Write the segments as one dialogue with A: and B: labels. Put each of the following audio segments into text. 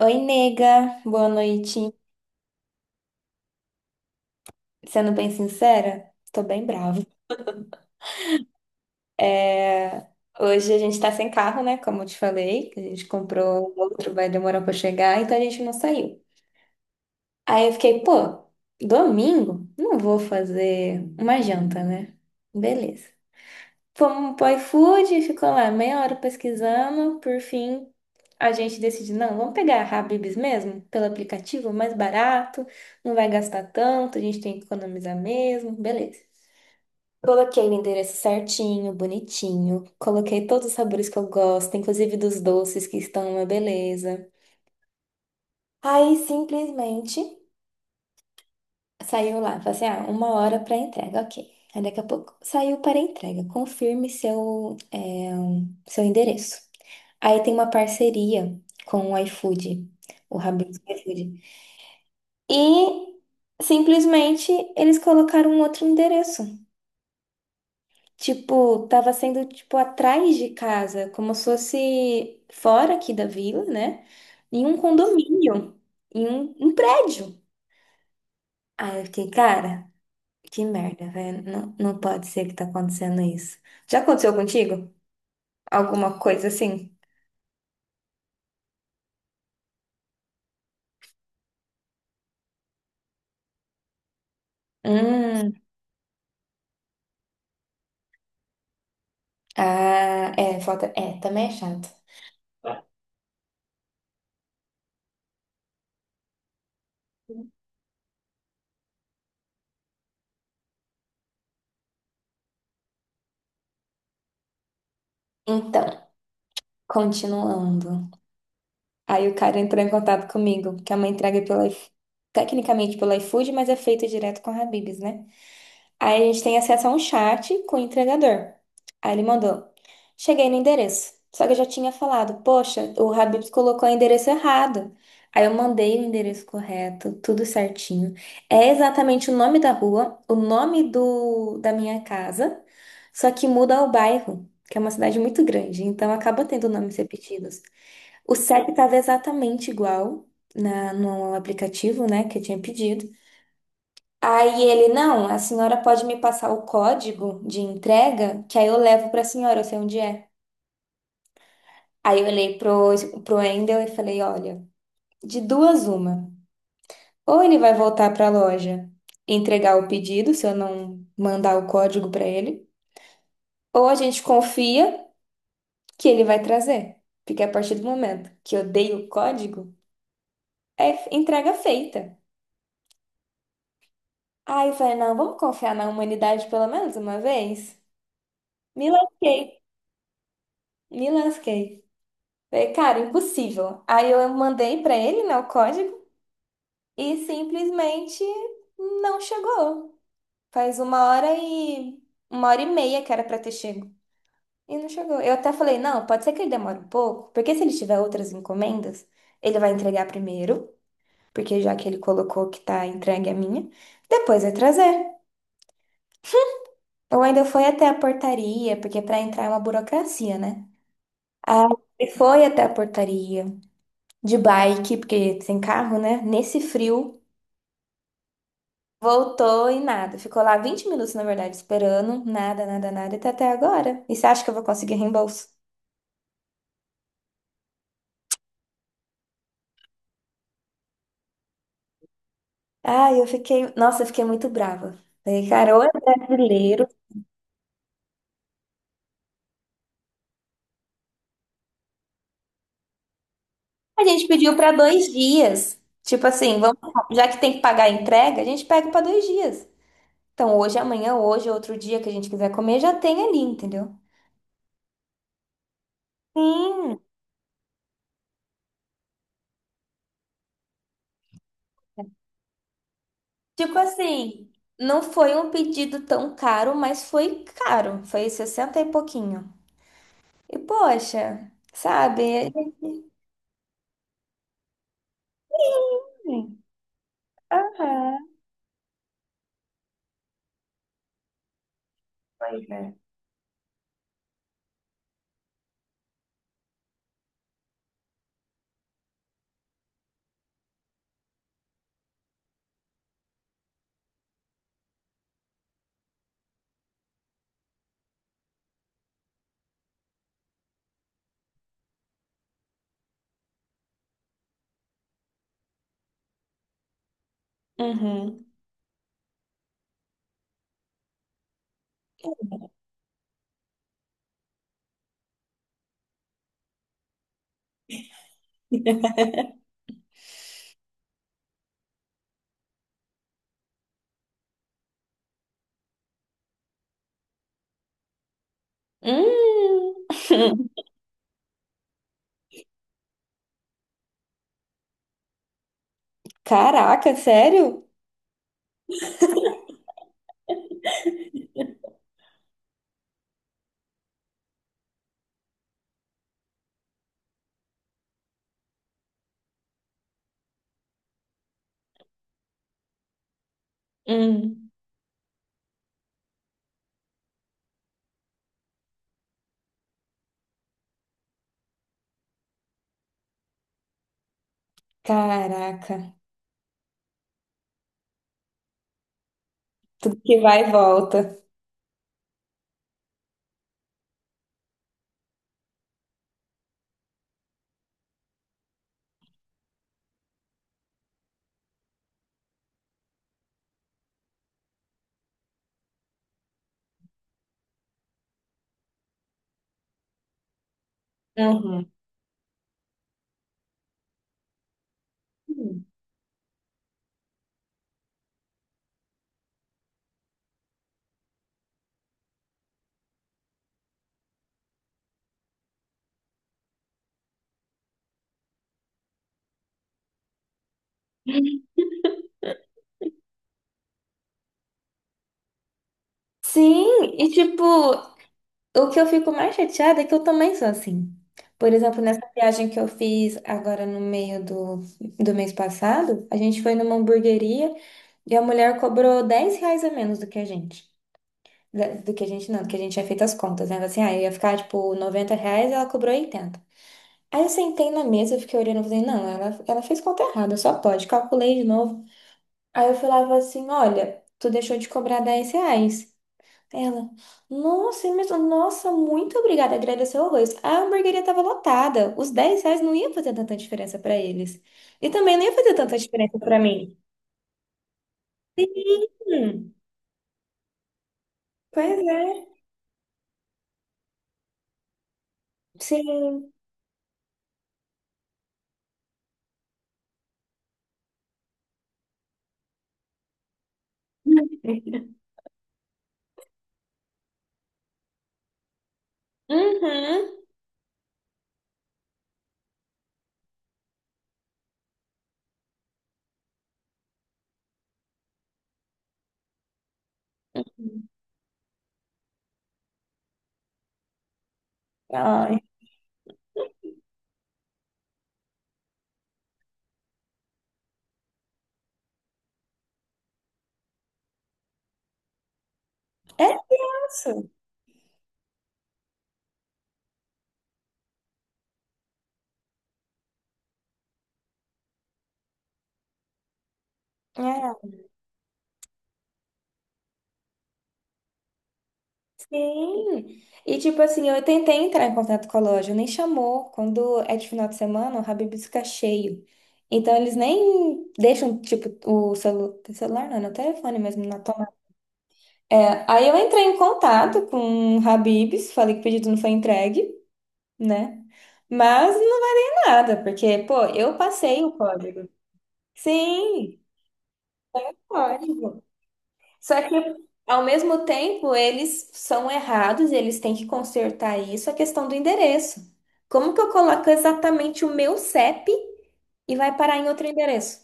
A: Oi, nega, boa noite. Sendo bem sincera, tô bem brava. É, hoje a gente tá sem carro, né? Como eu te falei, que a gente comprou um outro, vai demorar pra chegar, então a gente não saiu. Aí eu fiquei, pô, domingo? Não vou fazer uma janta, né? Beleza. Fomos pro iFood, ficou lá meia hora pesquisando. Por fim, a gente decide, não, vamos pegar a Habib's mesmo, pelo aplicativo, mais barato, não vai gastar tanto, a gente tem que economizar mesmo, beleza. Coloquei o endereço certinho, bonitinho. Coloquei todos os sabores que eu gosto, inclusive dos doces que estão uma beleza. Aí simplesmente saiu lá, falei assim, ah, uma hora para entrega, ok. Aí daqui a pouco saiu para entrega, confirme seu endereço. Aí tem uma parceria com o iFood, o Habib's iFood. E simplesmente eles colocaram um outro endereço. Tipo, tava sendo tipo atrás de casa, como se fosse fora aqui da vila, né? Em um condomínio, em um prédio. Aí eu fiquei, cara, que merda, velho. Não, não pode ser que tá acontecendo isso. Já aconteceu contigo? Alguma coisa assim? Hum, ah, é, falta, é, também é chato. Então. Continuando. Aí o cara entrou em contato comigo, que é uma entrega pela, iF- tecnicamente pelo iFood, mas é feito direto com a Habib's, né? Aí a gente tem acesso a um chat com o entregador. Aí ele mandou: cheguei no endereço. Só que eu já tinha falado: poxa, o Habib's colocou o endereço errado. Aí eu mandei o endereço correto, tudo certinho. É exatamente o nome da rua, o nome do, da minha casa, só que muda o bairro, que é uma cidade muito grande, então acaba tendo nomes repetidos. O CEP estava exatamente igual na, no aplicativo, né, que eu tinha pedido. Aí ele, não, a senhora pode me passar o código de entrega, que aí eu levo para a senhora, eu sei onde é. Aí eu olhei pro, pro Endel e falei, olha, de duas uma. Ou ele vai voltar para a loja e entregar o pedido, se eu não mandar o código para ele, ou a gente confia que ele vai trazer. Porque a partir do momento que eu dei o código, é entrega feita. Aí eu falei, não, vamos confiar na humanidade pelo menos uma vez? Me lasquei, me lasquei. Falei, cara, impossível. Aí eu mandei pra ele, né, o código e simplesmente não chegou. Faz uma hora e meia que era pra ter chego e não chegou. Eu até falei, não, pode ser que ele demore um pouco, porque se ele tiver outras encomendas, ele vai entregar primeiro, porque já que ele colocou que tá entregue a minha, depois vai trazer. Eu ainda fui até a portaria, porque para entrar é uma burocracia, né? Ah, e foi até a portaria de bike, porque sem carro, né? Nesse frio, voltou e nada. Ficou lá 20 minutos, na verdade, esperando, nada, nada, nada, e tá até agora. E você acha que eu vou conseguir reembolso? Ah, eu fiquei, nossa, eu fiquei muito brava. Falei, cara, ou é brasileiro. A gente pediu para dois dias. Tipo assim, vamos, já que tem que pagar a entrega, a gente pega para dois dias. Então, hoje, amanhã, hoje, outro dia que a gente quiser comer, já tem ali, entendeu? Sim, tipo assim, não foi um pedido tão caro, mas foi caro, foi 60 e pouquinho. E poxa, sabe? Sim. Aham. Pois é. Uhum. Hum. Caraca, sério? Hum. Caraca, tudo que vai e volta. Uhum. Sim, e tipo. O que eu fico mais chateada é que eu também sou assim. Por exemplo, nessa viagem que eu fiz agora no meio do mês passado, a gente foi numa hamburgueria e a mulher cobrou 10 reais a menos do que a gente. Da- Do que a gente não, do que a gente tinha feito as contas, né? Assim, ah, eu ia ficar tipo 90 reais, ela cobrou 80. Aí eu sentei na mesa, eu fiquei olhando e falei, não, ela fez conta errada, só pode. Calculei de novo. Aí eu falava assim, olha, tu deixou de cobrar 10 reais. Ela, nossa, imenso, nossa, muito obrigada, agradeceu horrores. A hamburgueria estava lotada, os 10 reais não ia fazer tanta diferença para eles. E também não ia fazer tanta diferença para mim. Hum, pois é, sim. Uhum. Uhum. Ai, é isso. É, sim. E tipo assim, eu tentei entrar em contato com a loja, nem chamou. Quando é de final de semana, o Habib's fica cheio. Então eles nem deixam, tipo, o celular, não, no telefone mesmo, na é, aí eu entrei em contato com o Habib's, falei que o pedido não foi entregue, né? Mas não é nada, porque, pô, eu passei o código. Sim, código. Só que, ao mesmo tempo, eles são errados, e eles têm que consertar isso, a questão do endereço. Como que eu coloco exatamente o meu CEP e vai parar em outro endereço?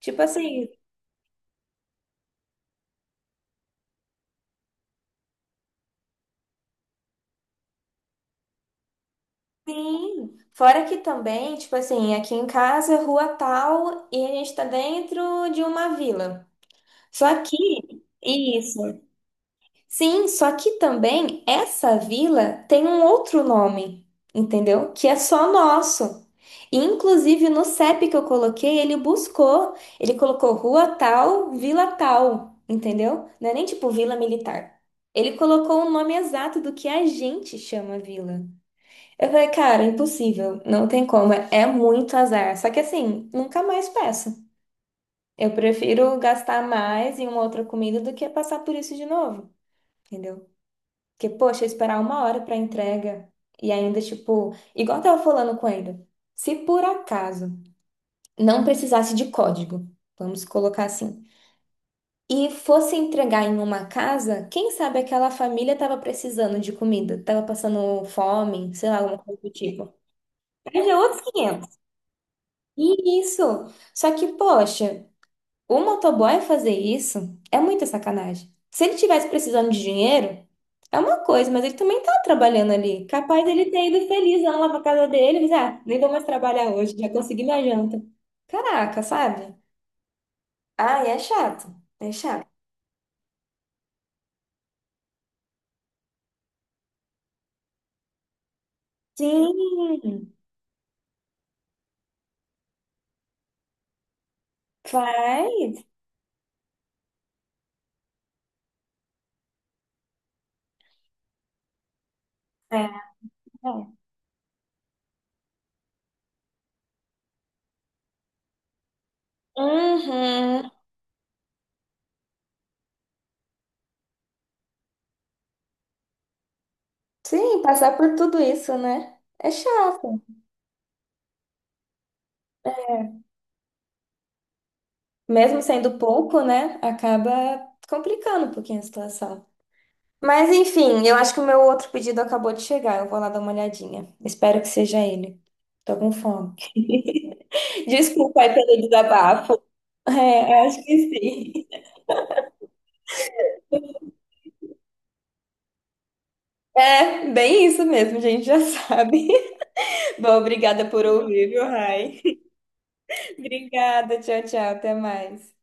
A: Tipo assim, sim, fora que também, tipo assim, aqui em casa, é rua tal, e a gente tá dentro de uma vila. Só que, isso. Sim, só que também essa vila tem um outro nome, entendeu? Que é só nosso. E, inclusive no CEP que eu coloquei, ele buscou, ele colocou rua tal, vila tal, entendeu? Não é nem tipo vila militar. Ele colocou o nome exato do que a gente chama vila. Eu falei, cara, impossível, não tem como, é muito azar. Só que assim, nunca mais peço. Eu prefiro gastar mais em uma outra comida do que passar por isso de novo, entendeu? Porque, poxa, esperar uma hora pra entrega e ainda, tipo, igual eu tava falando com ele, se por acaso não precisasse de código, vamos colocar assim, e fosse entregar em uma casa, quem sabe aquela família tava precisando de comida, tava passando fome, sei lá, alguma coisa do tipo. Aí já é outros 500. E isso. Só que, poxa, o motoboy fazer isso é muita sacanagem. Se ele tivesse precisando de dinheiro, é uma coisa, mas ele também tá trabalhando ali. Capaz dele ter ido feliz lá pra casa dele, mas dizer, ah, nem vou mais trabalhar hoje, já consegui minha janta. Caraca, sabe? Ah, é chato. É chato. Sim, faz. É. Uhum. Sim, passar por tudo isso, né? É chato. Mesmo sendo pouco, né, acaba complicando um pouquinho a situação. Mas enfim, eu acho que o meu outro pedido acabou de chegar. Eu vou lá dar uma olhadinha. Espero que seja ele. Tô com fome. Desculpa aí pelo desabafo. É, acho que sim. É, bem isso mesmo, a gente já sabe. Bom, obrigada por ouvir, viu, Rai? Obrigada, tchau, tchau, até mais.